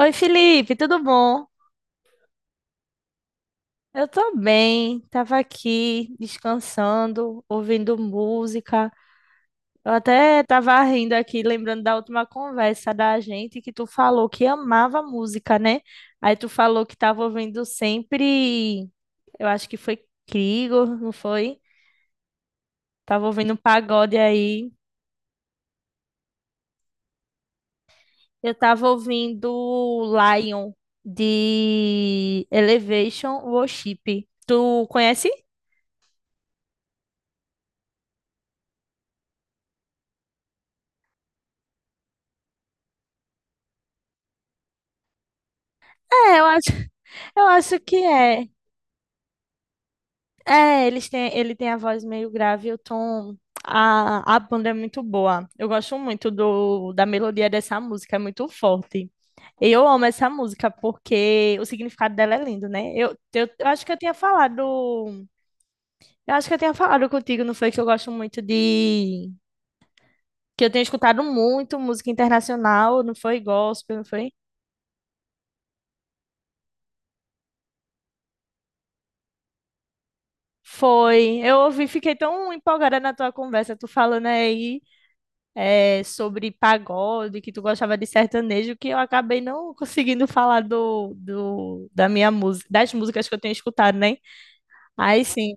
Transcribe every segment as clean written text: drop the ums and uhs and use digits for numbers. Oi, Felipe, tudo bom? Eu tô bem, tava aqui descansando, ouvindo música. Eu até tava rindo aqui, lembrando da última conversa da gente que tu falou que amava música, né? Aí tu falou que tava ouvindo sempre, eu acho que foi Krieger, não foi? Tava ouvindo um pagode aí. Eu tava ouvindo Lion de Elevation Worship. Tu conhece? É, eu acho. Eu acho que é. É, eles têm, ele tem a voz meio grave, e o tom. A banda é muito boa. Eu gosto muito da melodia dessa música, é muito forte. E eu amo essa música porque o significado dela é lindo, né? Eu acho que eu tinha falado. Eu acho que eu tinha falado contigo, não foi? Que eu gosto muito de. Que eu tenho escutado muito música internacional, não foi gospel, não foi? Foi. Eu ouvi, fiquei tão empolgada na tua conversa, tu falando aí. É, sobre pagode, que tu gostava de sertanejo, que eu acabei não conseguindo falar da minha música, das músicas que eu tenho escutado, né? Aí sim.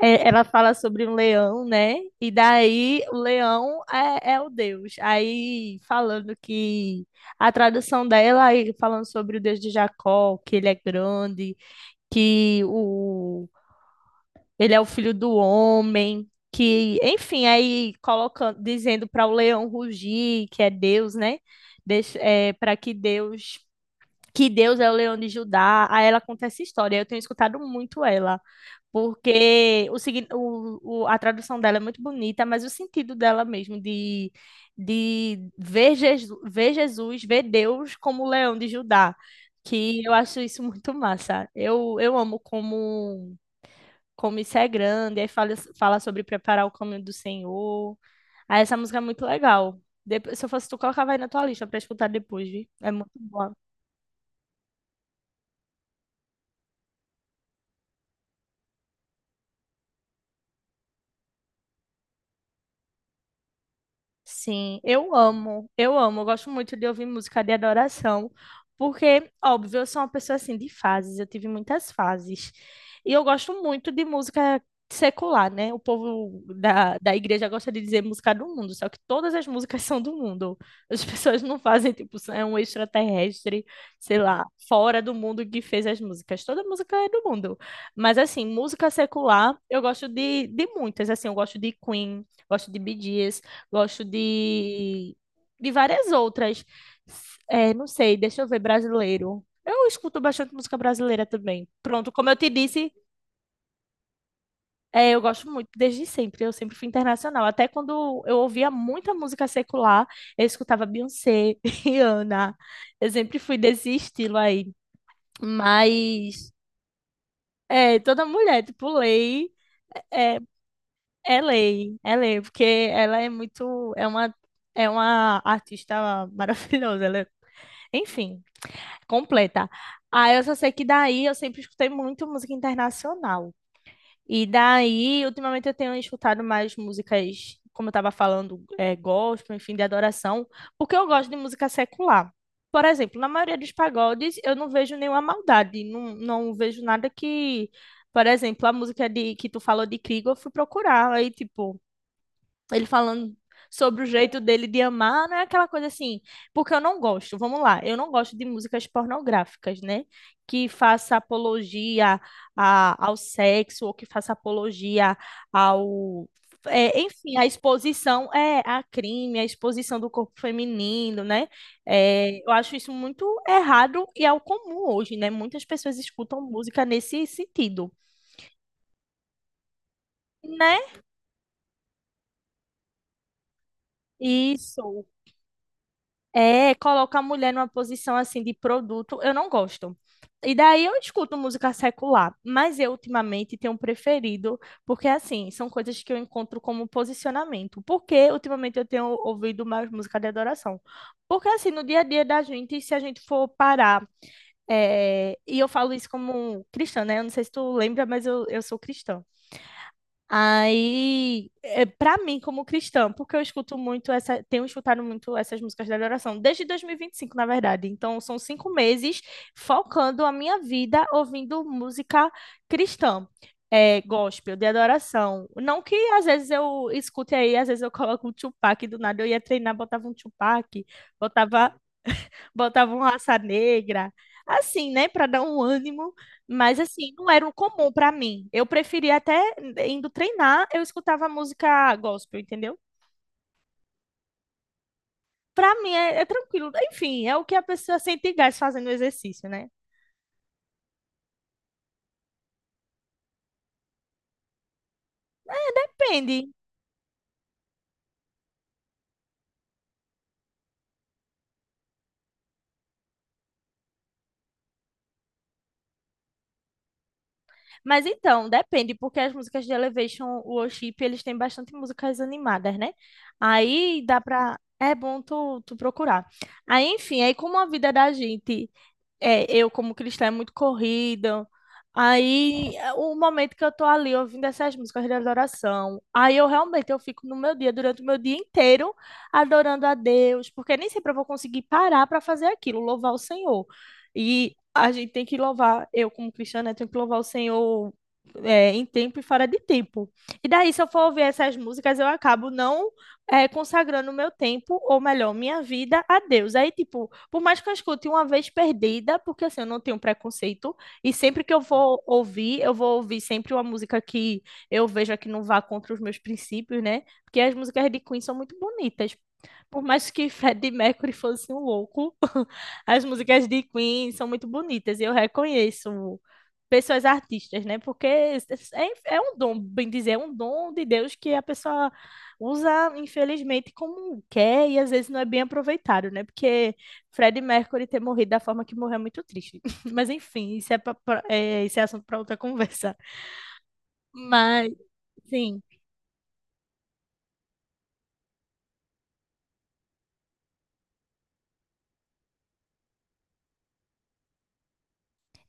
É, ela fala sobre um leão, né? E daí o leão é o Deus. Aí falando que a tradução dela, aí falando sobre o Deus de Jacó, que ele é grande, que o ele é o filho do homem, que, enfim, aí colocando, dizendo para o leão rugir, que é Deus, né? Para que Deus é o leão de Judá. Aí ela conta essa história. Eu tenho escutado muito ela, porque o, signi- o- a tradução dela é muito bonita, mas o sentido dela mesmo de, ver Jesus, ver Jesus, ver Deus como o leão de Judá, que eu acho isso muito massa. Eu amo como isso é grande, aí fala sobre preparar o caminho do Senhor. Aí essa música é muito legal. Depois, se eu fosse tu, colocava aí na tua lista pra escutar depois, viu? É muito boa. Sim, eu amo, eu amo, eu gosto muito de ouvir música de adoração, porque, óbvio, eu sou uma pessoa assim de fases, eu tive muitas fases. E eu gosto muito de música secular, né? O povo da igreja gosta de dizer música do mundo, só que todas as músicas são do mundo. As pessoas não fazem, tipo, é um extraterrestre, sei lá, fora do mundo que fez as músicas. Toda música é do mundo. Mas, assim, música secular, eu gosto de muitas, assim, eu gosto de Queen, gosto de Bee Gees. Gosto de várias outras. É, não sei, deixa eu ver, brasileiro. Eu escuto bastante música brasileira também. Pronto, como eu te disse, é, eu gosto muito desde sempre. Eu sempre fui internacional. Até quando eu ouvia muita música secular, eu escutava Beyoncé, Rihanna. Eu sempre fui desse estilo aí. Mas é, toda mulher, tipo, lei é, é lei, é lei, porque ela é muito, é uma artista maravilhosa, enfim, completa. Ah, eu só sei que daí eu sempre escutei muito música internacional. E daí, ultimamente eu tenho escutado mais músicas, como eu estava falando, é, gospel, enfim, de adoração, porque eu gosto de música secular. Por exemplo, na maioria dos pagodes eu não vejo nenhuma maldade, não, não vejo nada que, por exemplo, a música de, que tu falou de Krieg, eu fui procurar, aí tipo ele falando sobre o jeito dele de amar, não é aquela coisa assim, porque eu não gosto, vamos lá, eu não gosto de músicas pornográficas, né? Que faça apologia ao sexo ou que faça apologia ao. É, enfim, a exposição é a crime, a exposição do corpo feminino, né? É, eu acho isso muito errado e é o comum hoje, né? Muitas pessoas escutam música nesse sentido, né? Isso. É, coloca a mulher numa posição assim de produto, eu não gosto. E daí eu escuto música secular, mas eu ultimamente tenho preferido, porque assim, são coisas que eu encontro como posicionamento. Porque ultimamente eu tenho ouvido mais música de adoração. Porque assim, no dia a dia da gente, se a gente for parar, é, e eu falo isso como cristã, né? Eu não sei se tu lembra, mas eu sou cristã. Aí, é, para mim, como cristã, porque eu escuto muito essa, tenho escutado muito essas músicas da adoração, desde dois mil e vinte e cinco, na verdade. Então, são 5 meses focando a minha vida ouvindo música cristã, é, gospel, de adoração. Não que às vezes eu escute aí, às vezes eu coloco um Tupac, do nada eu ia treinar, botava um Tupac, botava botavam raça negra, assim, né, para dar um ânimo, mas assim, não era um comum para mim. Eu preferia até indo treinar, eu escutava música gospel, entendeu? Para mim é tranquilo. Enfim, é o que a pessoa sente gás fazendo exercício, né? Depende. Mas então, depende, porque as músicas de Elevation Worship, eles têm bastante músicas animadas, né? Aí dá pra. É bom tu procurar. Aí, enfim, aí como a vida da gente é, eu como cristã é muito corrida. Aí, é, o momento que eu tô ali ouvindo essas músicas de adoração, aí eu realmente eu fico no meu dia, durante o meu dia inteiro, adorando a Deus, porque nem sempre eu vou conseguir parar para fazer aquilo, louvar o Senhor. E a gente tem que louvar, eu como cristã, né, tenho que louvar o Senhor é, em tempo e fora de tempo. E daí, se eu for ouvir essas músicas, eu acabo não é, consagrando o meu tempo, ou melhor, minha vida a Deus. Aí, tipo, por mais que eu escute uma vez perdida, porque assim, eu não tenho preconceito, e sempre que eu vou ouvir sempre uma música que eu veja que não vá contra os meus princípios, né? Porque as músicas de Queen são muito bonitas. Por mais que Freddie Mercury fosse um louco, as músicas de Queen são muito bonitas e eu reconheço pessoas artistas, né? Porque é um dom, bem dizer, é um dom de Deus que a pessoa usa, infelizmente, como quer e às vezes não é bem aproveitado, né? Porque Freddie Mercury ter morrido da forma que morreu é muito triste. Mas enfim, isso é assunto para outra conversa. Mas, sim,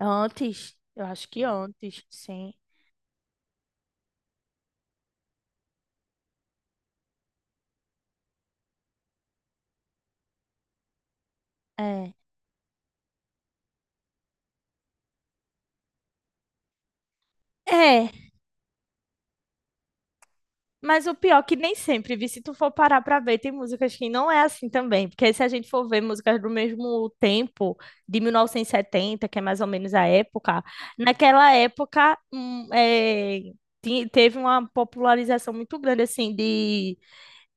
antes, eu acho que antes, sim. É. É, mas o pior é que nem sempre, vi, se tu for parar pra ver, tem músicas que não é assim também, porque se a gente for ver músicas do mesmo tempo, de 1970 que é mais ou menos a época, naquela época é, teve uma popularização muito grande, assim, de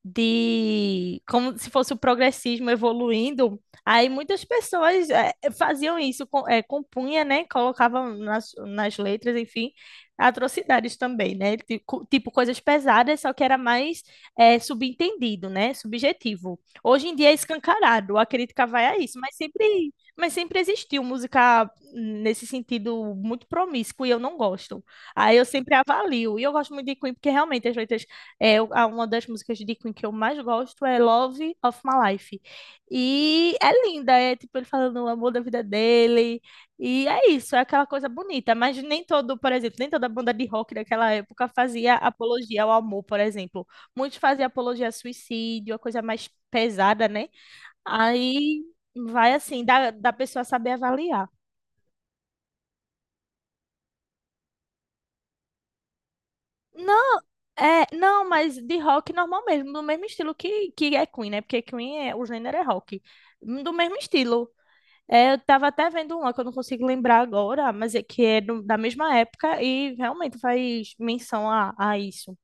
de como se fosse o progressismo evoluindo. Aí muitas pessoas faziam isso, compunha, né? Colocavam nas letras, enfim, atrocidades também, né? Tipo coisas pesadas, só que era mais subentendido, né? Subjetivo. Hoje em dia é escancarado, a crítica vai a isso, mas sempre existiu música nesse sentido muito promíscuo e eu não gosto. Aí eu sempre avalio. E eu gosto muito de Queen porque realmente as letras uma das músicas de Queen que eu mais gosto é Love of My Life. E é linda, é tipo ele falando o amor da vida dele. E é isso, é aquela coisa bonita. Mas nem todo, por exemplo, nem toda banda de rock daquela época fazia apologia ao amor, por exemplo. Muitos faziam apologia ao suicídio, a coisa mais pesada, né? Aí vai assim, da pessoa saber avaliar. Não, é, não, mas de rock normal mesmo, do mesmo estilo que é Queen, né? Porque Queen é, o gênero é rock. Do mesmo estilo. É, eu tava até vendo uma que eu não consigo lembrar agora, mas é que é da mesma época e realmente faz menção a isso.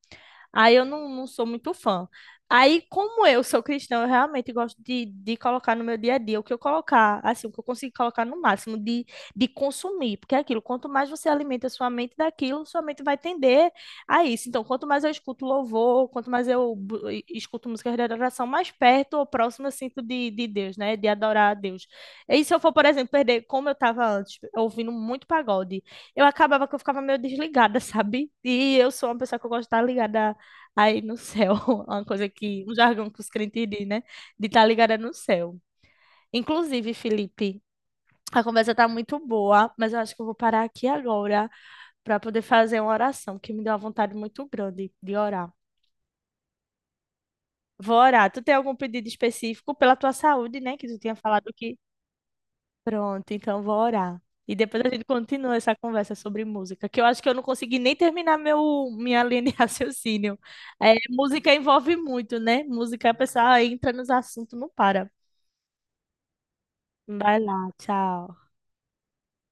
Aí eu não, não sou muito fã. Aí, como eu sou cristã, eu realmente gosto de colocar no meu dia a dia o que eu colocar, assim, o que eu consigo colocar no máximo de consumir, porque é aquilo, quanto mais você alimenta sua mente daquilo, sua mente vai tender a isso. Então, quanto mais eu escuto louvor, quanto mais eu escuto músicas de adoração, mais perto ou próximo eu sinto de Deus, né? De adorar a Deus. E se eu for, por exemplo, perder, como eu estava antes, ouvindo muito pagode, eu acabava que eu ficava meio desligada, sabe? E eu sou uma pessoa que eu gosto de estar ligada aí no céu, uma coisa que, um jargão que os crentes dizem, né? De estar ligada no céu. Inclusive, Felipe, a conversa tá muito boa, mas eu acho que eu vou parar aqui agora para poder fazer uma oração, que me deu uma vontade muito grande de orar. Vou orar. Tu tem algum pedido específico pela tua saúde, né? Que tu tinha falado que. Pronto, então vou orar. E depois a gente continua essa conversa sobre música, que eu acho que eu não consegui nem terminar minha linha de raciocínio. É, música envolve muito, né? Música, a pessoa entra nos assuntos, não para. Vai lá, tchau.